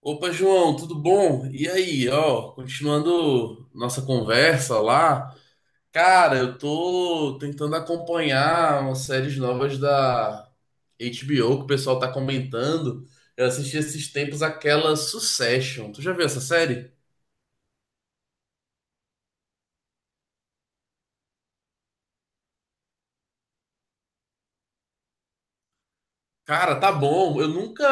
Opa, João, tudo bom? E aí, ó, continuando nossa conversa lá. Cara, eu tô tentando acompanhar umas séries novas da HBO que o pessoal tá comentando. Eu assisti esses tempos aquela Succession. Tu já viu essa série? Cara, tá bom. Eu nunca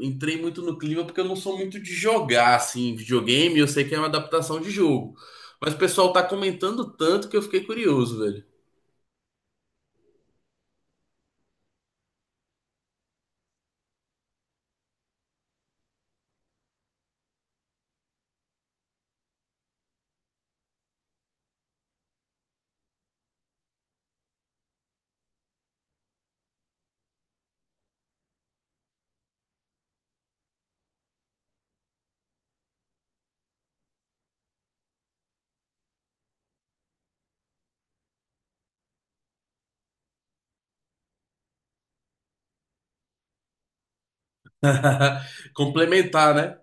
entrei muito no clima porque eu não sou muito de jogar assim, videogame. Eu sei que é uma adaptação de jogo. Mas o pessoal tá comentando tanto que eu fiquei curioso, velho. Complementar, né?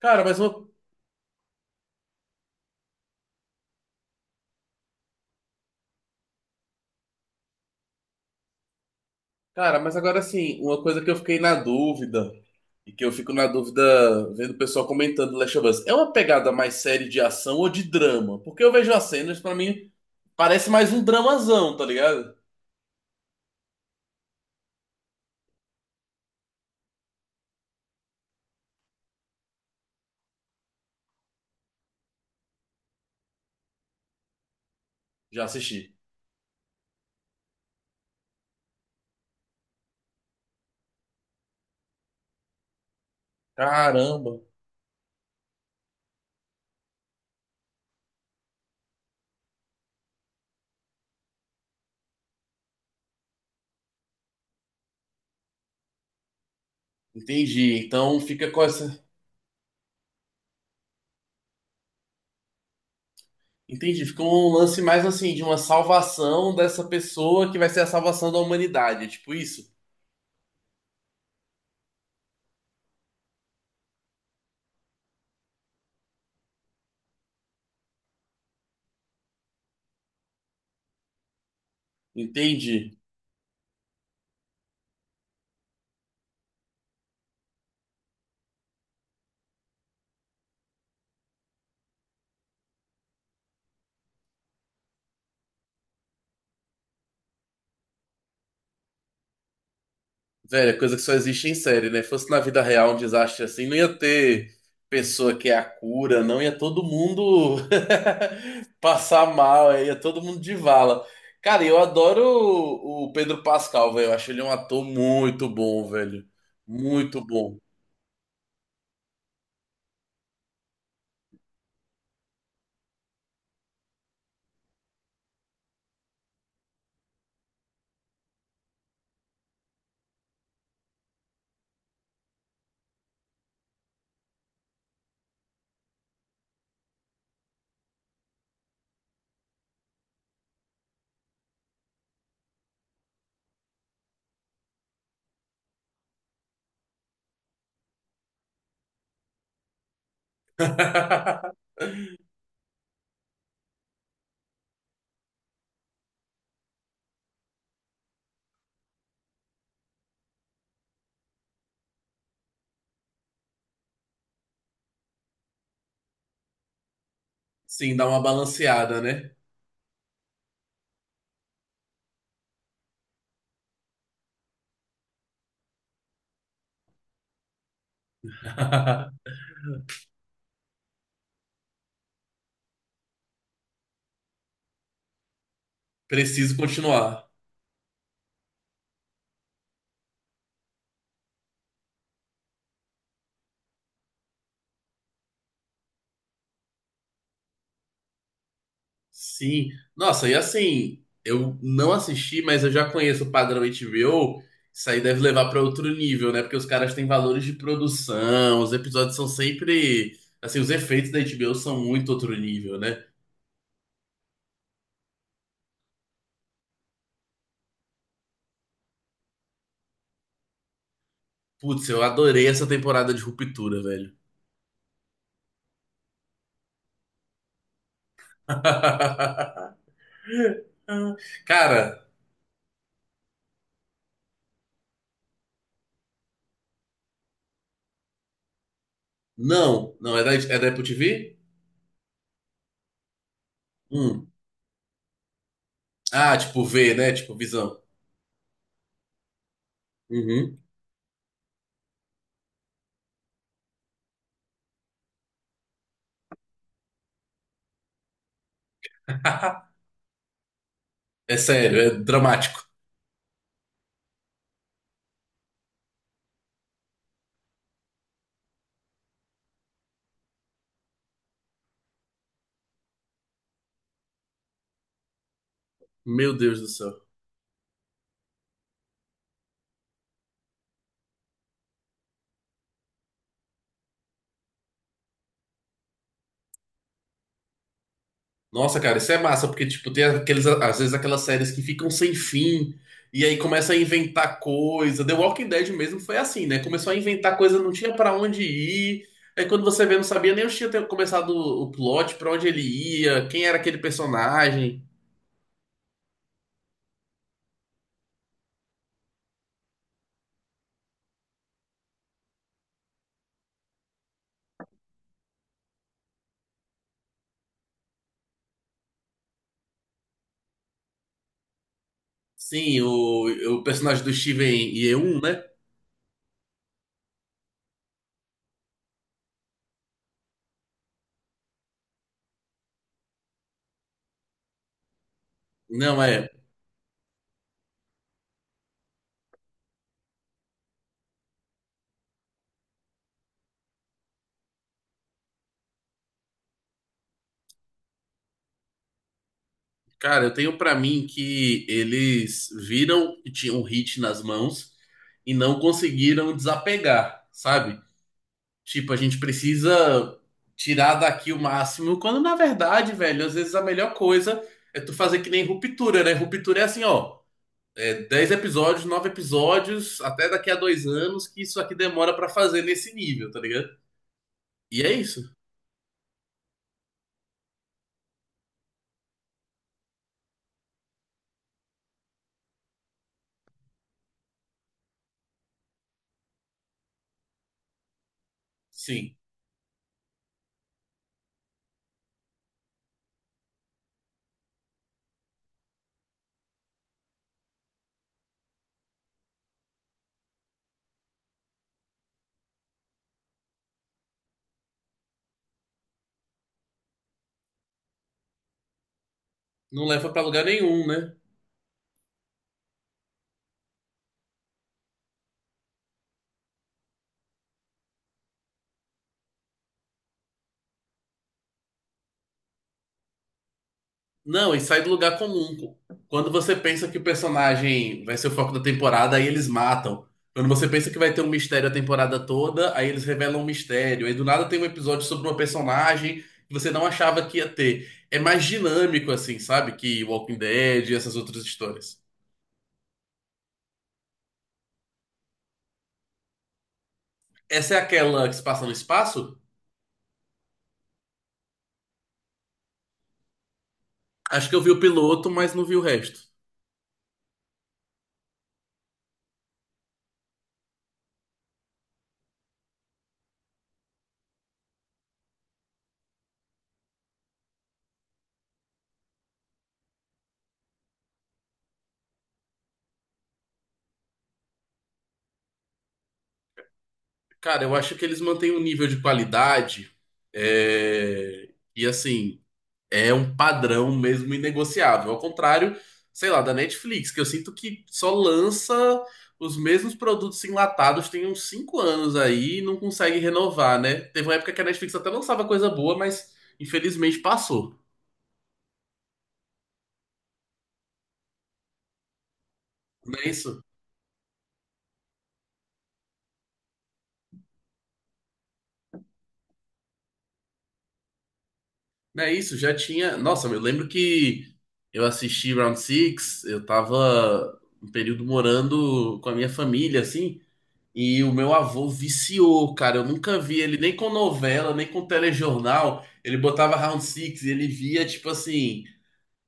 Cara, mas uma Cara, mas agora assim, uma coisa que eu fiquei na dúvida, e que eu fico na dúvida vendo o pessoal comentando Last of Us, é uma pegada mais série de ação ou de drama? Porque eu vejo as cenas, pra mim, parece mais um dramazão, tá ligado? Já assisti. Caramba, entendi. Então fica com essa. Entendi, fica um lance mais assim, de uma salvação dessa pessoa que vai ser a salvação da humanidade. É tipo isso? Entendi. Velho, é coisa que só existe em série, né? Fosse na vida real um desastre assim, não ia ter pessoa que é a cura, não ia todo mundo passar mal, ia todo mundo de vala. Cara, eu adoro o Pedro Pascal, velho. Eu acho ele um ator muito bom, velho. Muito bom. Sim, dá uma balanceada, né? Preciso continuar. Sim. Nossa, e assim, eu não assisti, mas eu já conheço o padrão HBO. Isso aí deve levar para outro nível, né? Porque os caras têm valores de produção, os episódios são sempre. Assim, os efeitos da HBO são muito outro nível, né? Putz, eu adorei essa temporada de Ruptura, velho. Cara, não, não, é da Apple TV? Hum. Ah, tipo V, né? Tipo visão. Uhum. É sério, é dramático. Meu Deus do céu. Nossa, cara, isso é massa, porque, tipo, tem aqueles, às vezes aquelas séries que ficam sem fim, e aí começa a inventar coisa. The Walking Dead mesmo foi assim, né? Começou a inventar coisa, não tinha pra onde ir. Aí quando você vê, não sabia nem onde tinha começado o plot, pra onde ele ia, quem era aquele personagem. Sim, o personagem do Steven Yeun, né? Não, é. Cara, eu tenho pra mim que eles viram que tinham um hit nas mãos e não conseguiram desapegar, sabe? Tipo, a gente precisa tirar daqui o máximo, quando na verdade, velho, às vezes a melhor coisa é tu fazer que nem Ruptura, né? Ruptura é assim, ó, é 10 episódios, 9 episódios, até daqui a dois anos, que isso aqui demora pra fazer nesse nível, tá ligado? E é isso. Sim. Não leva pra lugar nenhum, né? Não, e sai do lugar comum. Quando você pensa que o personagem vai ser o foco da temporada, aí eles matam. Quando você pensa que vai ter um mistério a temporada toda, aí eles revelam um mistério. Aí do nada tem um episódio sobre uma personagem que você não achava que ia ter. É mais dinâmico, assim, sabe? Que Walking Dead e essas outras histórias. Essa é aquela que se passa no espaço? Acho que eu vi o piloto, mas não vi o resto. Cara, eu acho que eles mantêm um nível de qualidade. é, E assim. É um padrão mesmo inegociável. Ao contrário, sei lá, da Netflix, que eu sinto que só lança os mesmos produtos enlatados tem uns cinco anos aí e não consegue renovar, né? Teve uma época que a Netflix até lançava coisa boa, mas infelizmente passou. Não é isso? Não é isso? Já tinha. Nossa, eu lembro que eu assisti Round Six, eu tava um período morando com a minha família, assim. E o meu avô viciou, cara. Eu nunca vi ele nem com novela, nem com telejornal. Ele botava Round Six e ele via, tipo assim.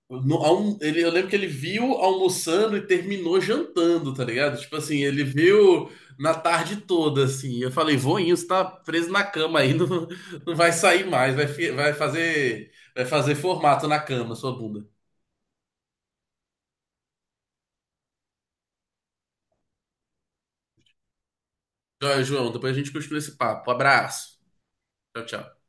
Ele, eu lembro que ele viu almoçando e terminou jantando, tá ligado? Tipo assim, ele viu na tarde toda, assim. Eu falei, voinho, você tá preso na cama aí, não, não vai sair mais, vai, vai fazer formato na cama, sua bunda. Joia, João, depois a gente continua esse papo. Abraço. Tchau, tchau.